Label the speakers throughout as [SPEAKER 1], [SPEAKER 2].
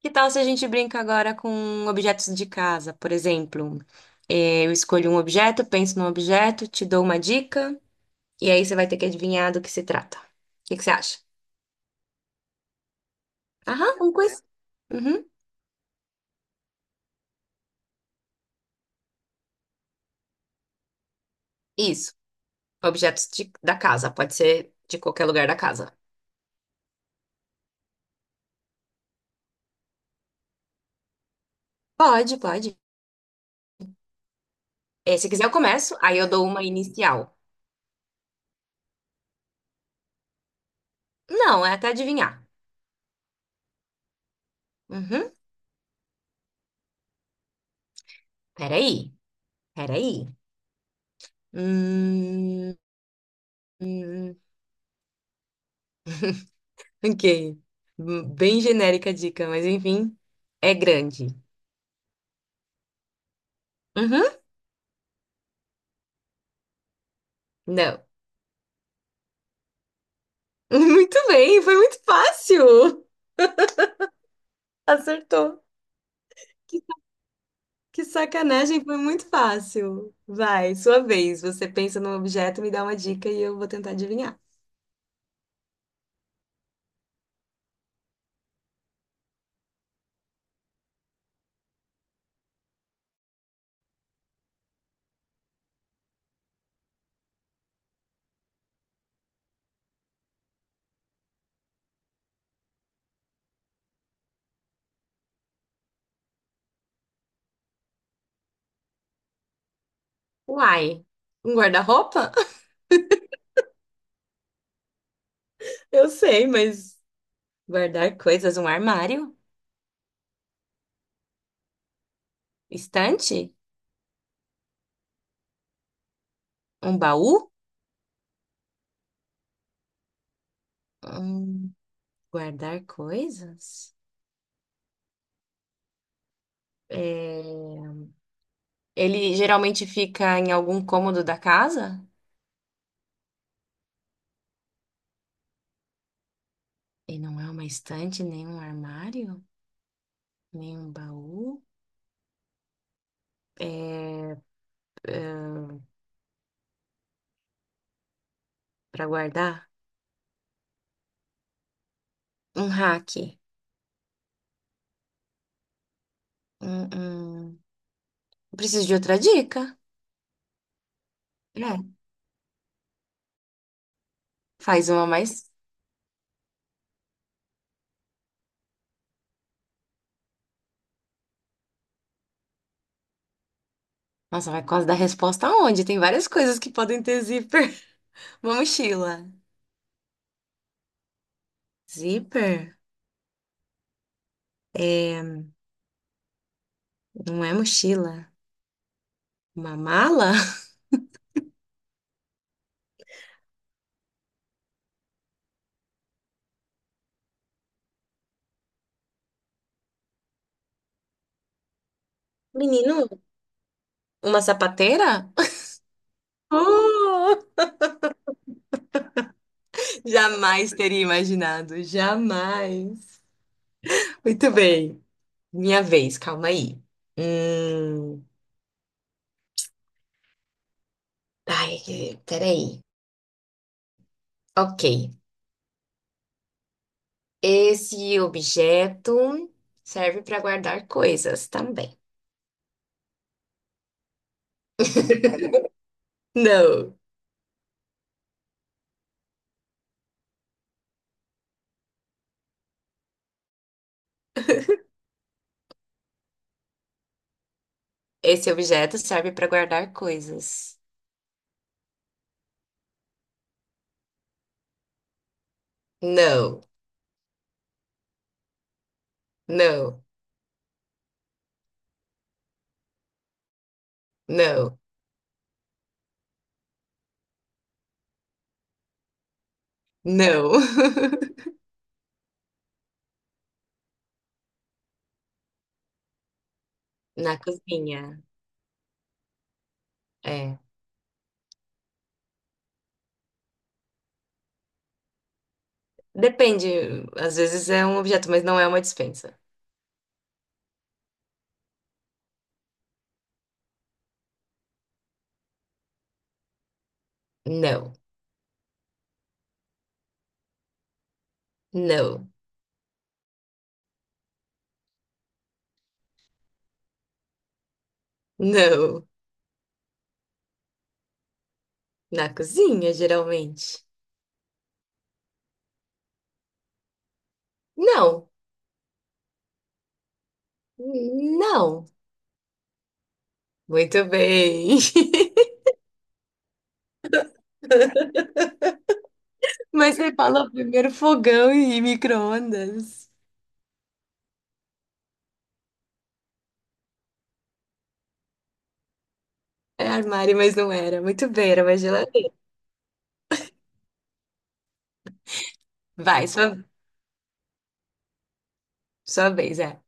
[SPEAKER 1] Que tal se a gente brinca agora com objetos de casa, por exemplo? Eu escolho um objeto, penso num objeto, te dou uma dica, e aí você vai ter que adivinhar do que se trata. O que que você acha? Aham, um quiz. Uhum. Isso. Da casa, pode ser de qualquer lugar da casa. Pode, pode. Se quiser, eu começo, aí eu dou uma inicial. Não, é até adivinhar. Uhum. Peraí, peraí. Hum, hum. hum. Ok. Bem genérica a dica, mas enfim, é grande. Uhum. Não. Muito bem, foi muito fácil. Acertou. Que, que sacanagem, foi muito fácil. Vai, sua vez. Você pensa num objeto, me dá uma dica e eu vou tentar adivinhar. Uai, um guarda-roupa? Eu sei, mas guardar coisas, um armário? Estante? Um baú? Hum, Guardar coisas? É... Ele geralmente fica em algum cômodo da casa? E não é uma estante, nem um armário, nem um baú. É, para guardar? Um rack. Hum, hum. Preciso de outra dica. É, faz uma mais. Nossa, vai quase dar resposta aonde? Tem várias coisas que podem ter zíper. Uma mochila. Zíper? É, não é mochila. Uma mala? Menino, uma sapateira? Oh! Jamais teria imaginado, jamais. Muito bem, minha vez, calma aí. Hum... Peraí. Ok, esse objeto serve para guardar coisas também. Não, esse objeto serve para guardar coisas. Não, não, não, não. Na cozinha, é. Depende, às vezes é um objeto, mas não é uma dispensa. Não, não, não. Na cozinha, geralmente. Não, não. Muito bem. Mas você falou primeiro fogão e micro-ondas. É armário, mas não era. Muito bem, era uma geladeira. Vai, sua vez, é.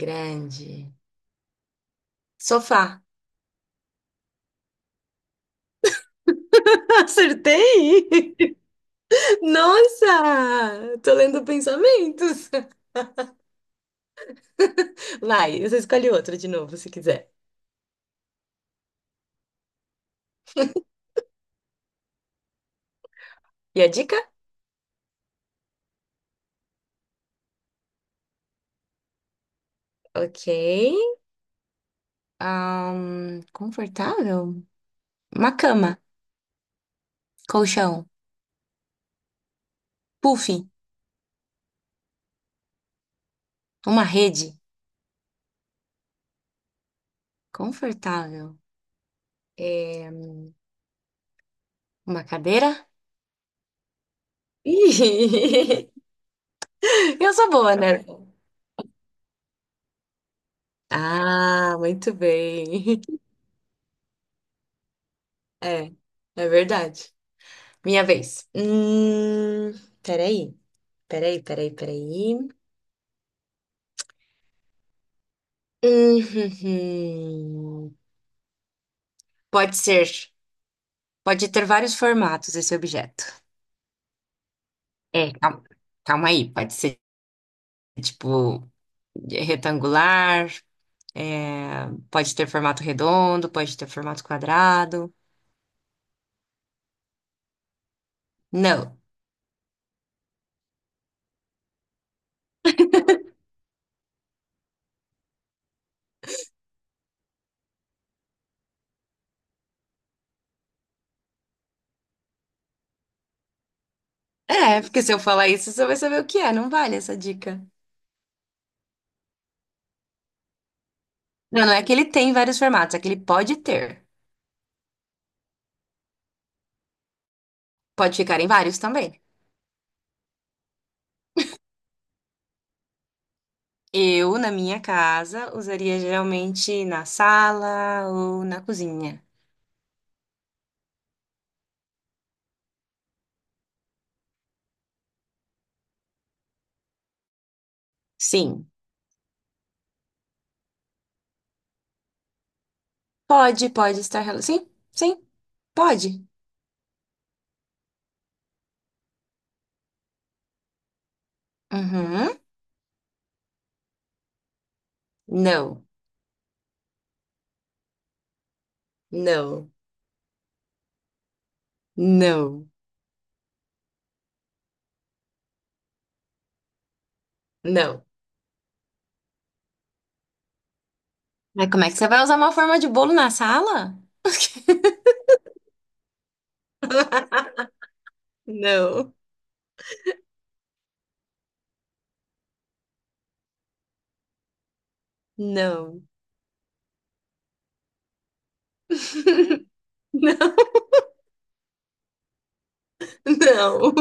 [SPEAKER 1] Grande. Sofá. Acertei! Nossa! Tô lendo pensamentos. Vai, você escolhe outro de novo, se quiser. E a dica? Ok. Confortável? Uma cama. Colchão. Puff, uma rede confortável. É, uma cadeira? Ih, eu sou boa, né? Ah, muito bem. É, é verdade. Minha vez. Peraí, peraí, peraí, peraí. Hum, Pode ser, pode ter vários formatos esse objeto. É, calma, calma aí, pode ser tipo retangular. É, pode ter formato redondo, pode ter formato quadrado. Não. É, porque se eu falar isso, você vai saber o que é. Não vale essa dica. Não, não é que ele tem vários formatos, é que ele pode ter. Pode ficar em vários também. Eu, na minha casa, usaria geralmente na sala ou na cozinha. Sim. Sim, sim, pode. Uhum. Não, não, não, não. Mas como é que você vai usar uma forma de bolo na sala? Não. Não, não.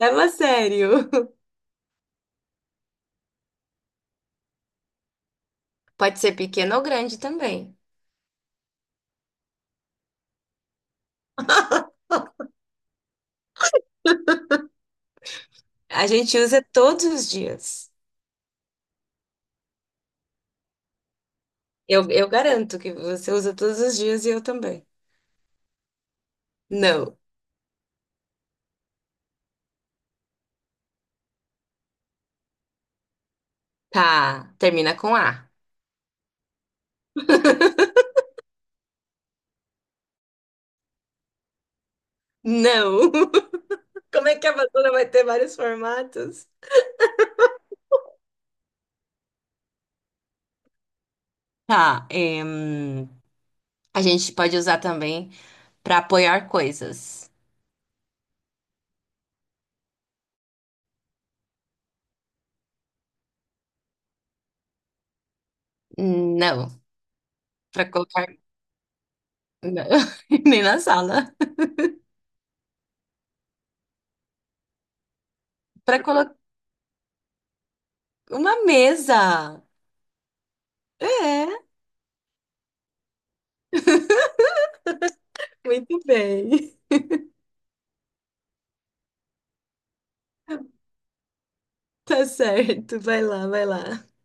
[SPEAKER 1] Leva a sério. Pode ser pequeno ou grande também. A gente usa todos os dias. Eu garanto que você usa todos os dias e eu também. Não. Tá. Termina com A. Não. Como é que a vassoura vai ter vários formatos? Tá. A gente pode usar também para apoiar coisas. Não. Para colocar. Não. Nem na sala. Para colocar uma mesa. É. Muito bem. Tá certo. Vai lá, vai lá.